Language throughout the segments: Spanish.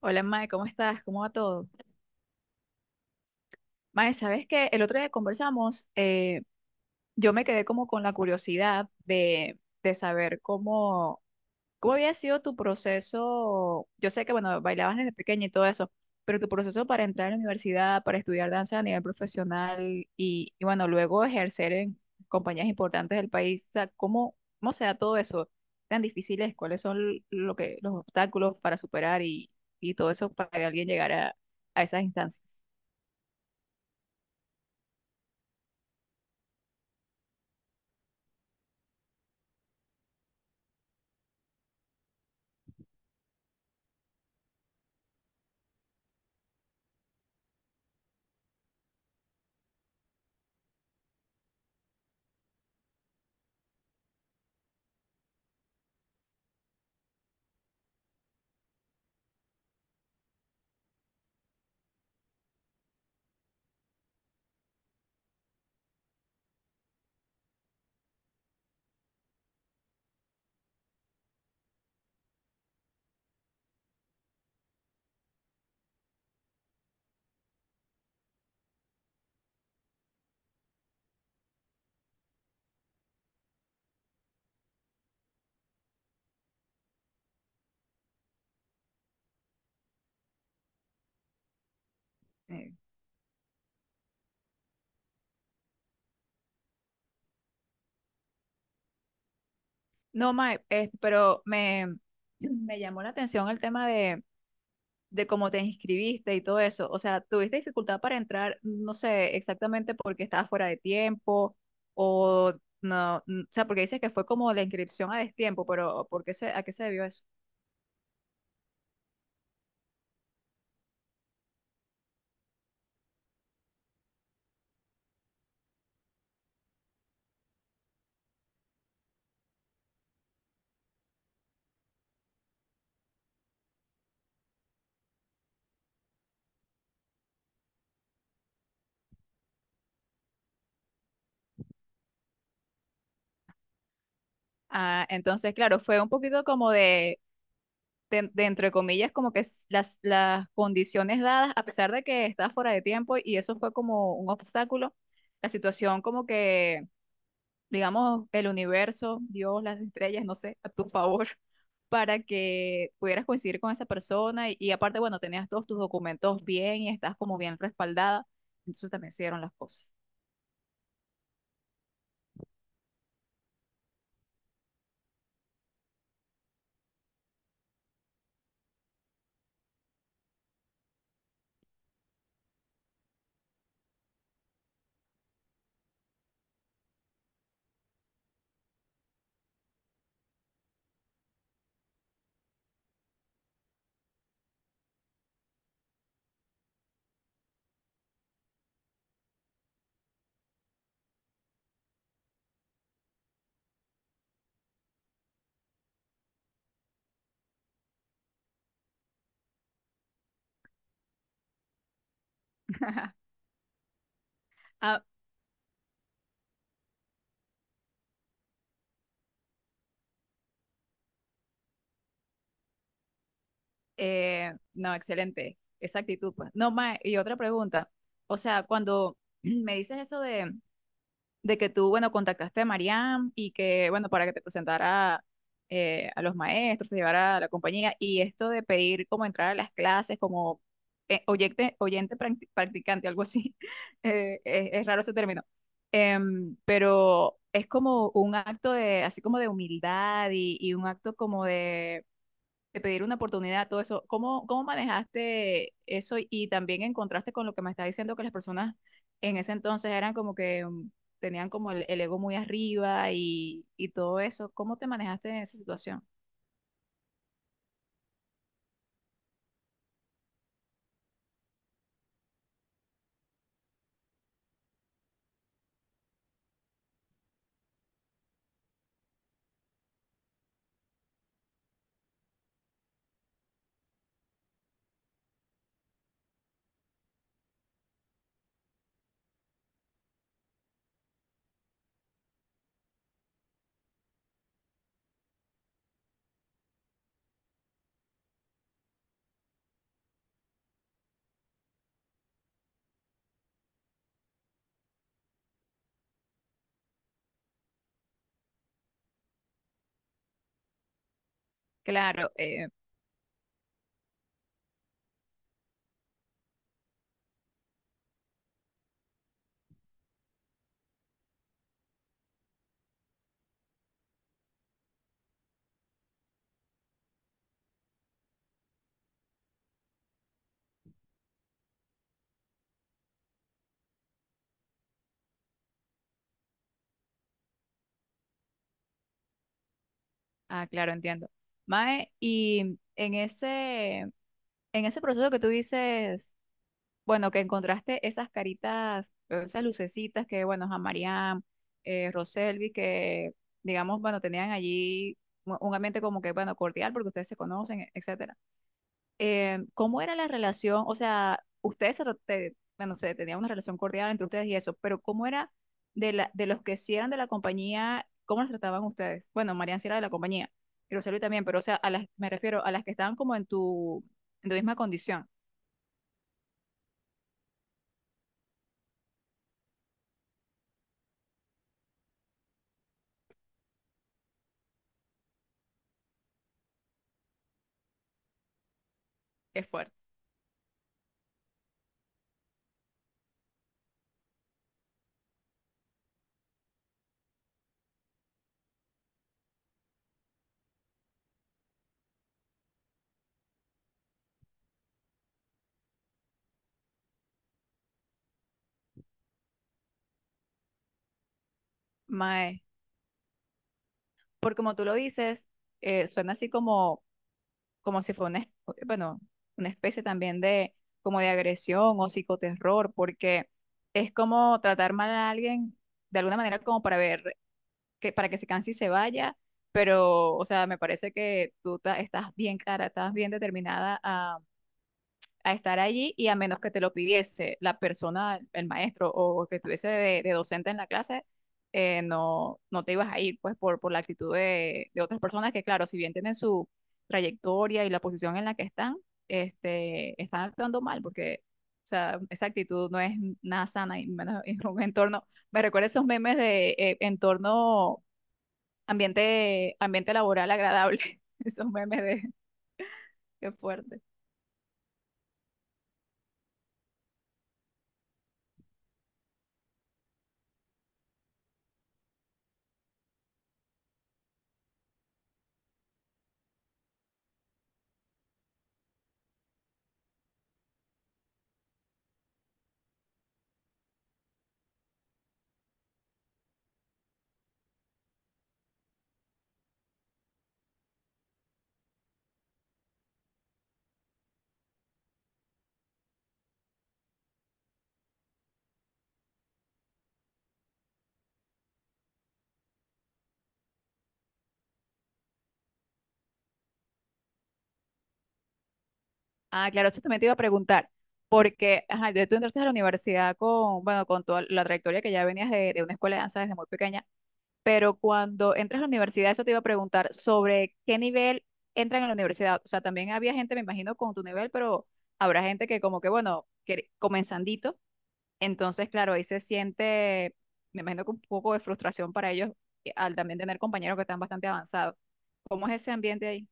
Hola Mae, ¿cómo estás? ¿Cómo va todo? Mae, ¿sabes qué? El otro día conversamos, yo me quedé como con la curiosidad de saber cómo había sido tu proceso. Yo sé que, bueno, bailabas desde pequeña y todo eso, pero tu proceso para entrar a la universidad, para estudiar danza a nivel profesional bueno, luego ejercer en compañías importantes del país. O sea, ¿ cómo se da todo eso? ¿Tan difíciles? ¿Cuáles son los obstáculos para superar y todo eso para que alguien llegara a esas instancias? Eh, No, Mae, me llamó la atención el tema de cómo te inscribiste y todo eso. O sea, ¿tuviste dificultad para entrar? No sé exactamente porque estabas fuera de tiempo o no. O sea, porque dices que fue como la inscripción a destiempo, pero ¿por qué se, a qué se debió eso? Ah, entonces, claro, fue un poquito como de entre comillas, como que las condiciones dadas, a pesar de que estabas fuera de tiempo y eso fue como un obstáculo, la situación como que digamos, el universo, Dios, las estrellas, no sé, a tu favor, para que pudieras coincidir con esa persona y aparte, bueno, tenías todos tus documentos bien y estás como bien respaldada, entonces también se dieron las cosas. Ah, no, excelente, esa actitud, pues. No, más, y otra pregunta, o sea, cuando me dices eso de que tú, bueno, contactaste a Mariam y que, bueno, para que te presentara a los maestros, te llevara a la compañía y esto de pedir como entrar a las clases como practicante, algo así, es raro ese término. Pero es como un acto de, así como de humildad y un acto como de pedir una oportunidad, todo eso. ¿Cómo, cómo manejaste eso y también en contraste con lo que me estás diciendo que las personas en ese entonces eran como que tenían como el ego muy arriba y todo eso? ¿Cómo te manejaste en esa situación? Claro, eh. Ah, claro, entiendo. Mae, y en en ese proceso que tú dices, bueno, que encontraste esas caritas, esas lucecitas que, bueno, a Mariam, Roselvi, que, digamos, bueno, tenían allí un ambiente como que, bueno, cordial, porque ustedes se conocen, etcétera. ¿Cómo era la relación? O sea, ustedes, bueno, se tenían una relación cordial entre ustedes y eso, pero ¿cómo era de los que sí eran de la compañía, cómo los trataban ustedes? Bueno, Mariam sí era de la compañía, y Roselvi también, pero, o sea, me refiero a las que estaban como en en tu misma condición. Es fuerte. Mae, porque como tú lo dices, suena así como si fuera bueno, una especie también de, como de agresión o psicoterror, porque es como tratar mal a alguien de alguna manera como para ver, para que se canse y se vaya, pero, o sea, me parece que estás bien clara, estás bien determinada a estar allí y a menos que te lo pidiese la persona, el maestro o que estuviese de docente en la clase, no te ibas a ir, pues por la actitud de otras personas que, claro, si bien tienen su trayectoria y la posición en la que están, este, están actuando mal porque... O sea, esa actitud no es nada sana y menos en un entorno. Me recuerda esos memes de entorno ambiente laboral agradable. Esos memes de qué fuerte. Ah, claro, eso también te iba a preguntar, porque ajá, ya tú entraste a la universidad con, bueno, con toda la trayectoria que ya venías de una escuela de danza desde muy pequeña, pero cuando entras a la universidad, eso te iba a preguntar sobre qué nivel entran en la universidad. O sea, también había gente, me imagino, con tu nivel, pero habrá gente que como que, bueno, que comenzandito, entonces, claro, ahí se siente, me imagino que un poco de frustración para ellos al también tener compañeros que están bastante avanzados. ¿Cómo es ese ambiente ahí?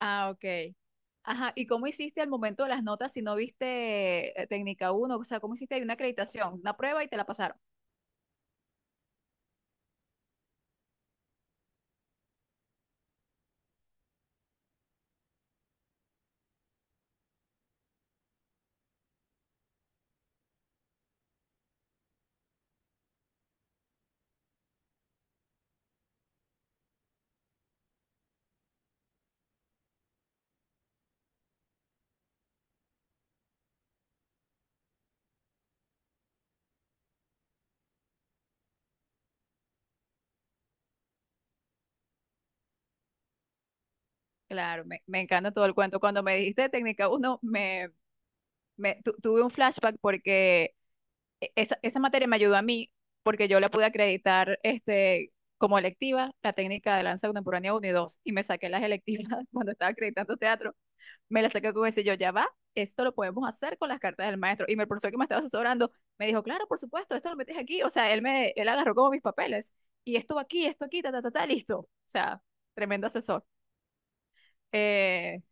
Ah, ok. Ajá, ¿y cómo hiciste al momento de las notas si no viste técnica uno? O sea, ¿cómo hiciste ahí una acreditación, una prueba y te la pasaron? Claro, me encanta todo el cuento. Cuando me dijiste técnica uno, tuve un flashback porque esa materia me ayudó a mí porque yo la pude acreditar este, como electiva, la técnica de danza contemporánea uno y 2 y me saqué las electivas cuando estaba acreditando teatro, me la saqué con ese. Yo, ya va, esto lo podemos hacer con las cartas del maestro. Y el profesor que me estaba asesorando me dijo, claro, por supuesto, esto lo metes aquí. O sea, él agarró como mis papeles. Y esto va aquí, esto aquí, ta, ta, ta, ta, listo. O sea, tremendo asesor. Eh,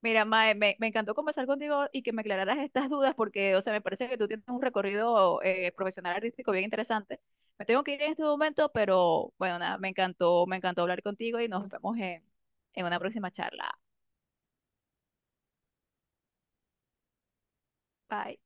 mira, Mae, me encantó conversar contigo y que me aclararas estas dudas porque, o sea, me parece que tú tienes un recorrido profesional artístico bien interesante. Me tengo que ir en este momento, pero bueno, nada, me encantó hablar contigo y nos vemos en una próxima charla. Bye.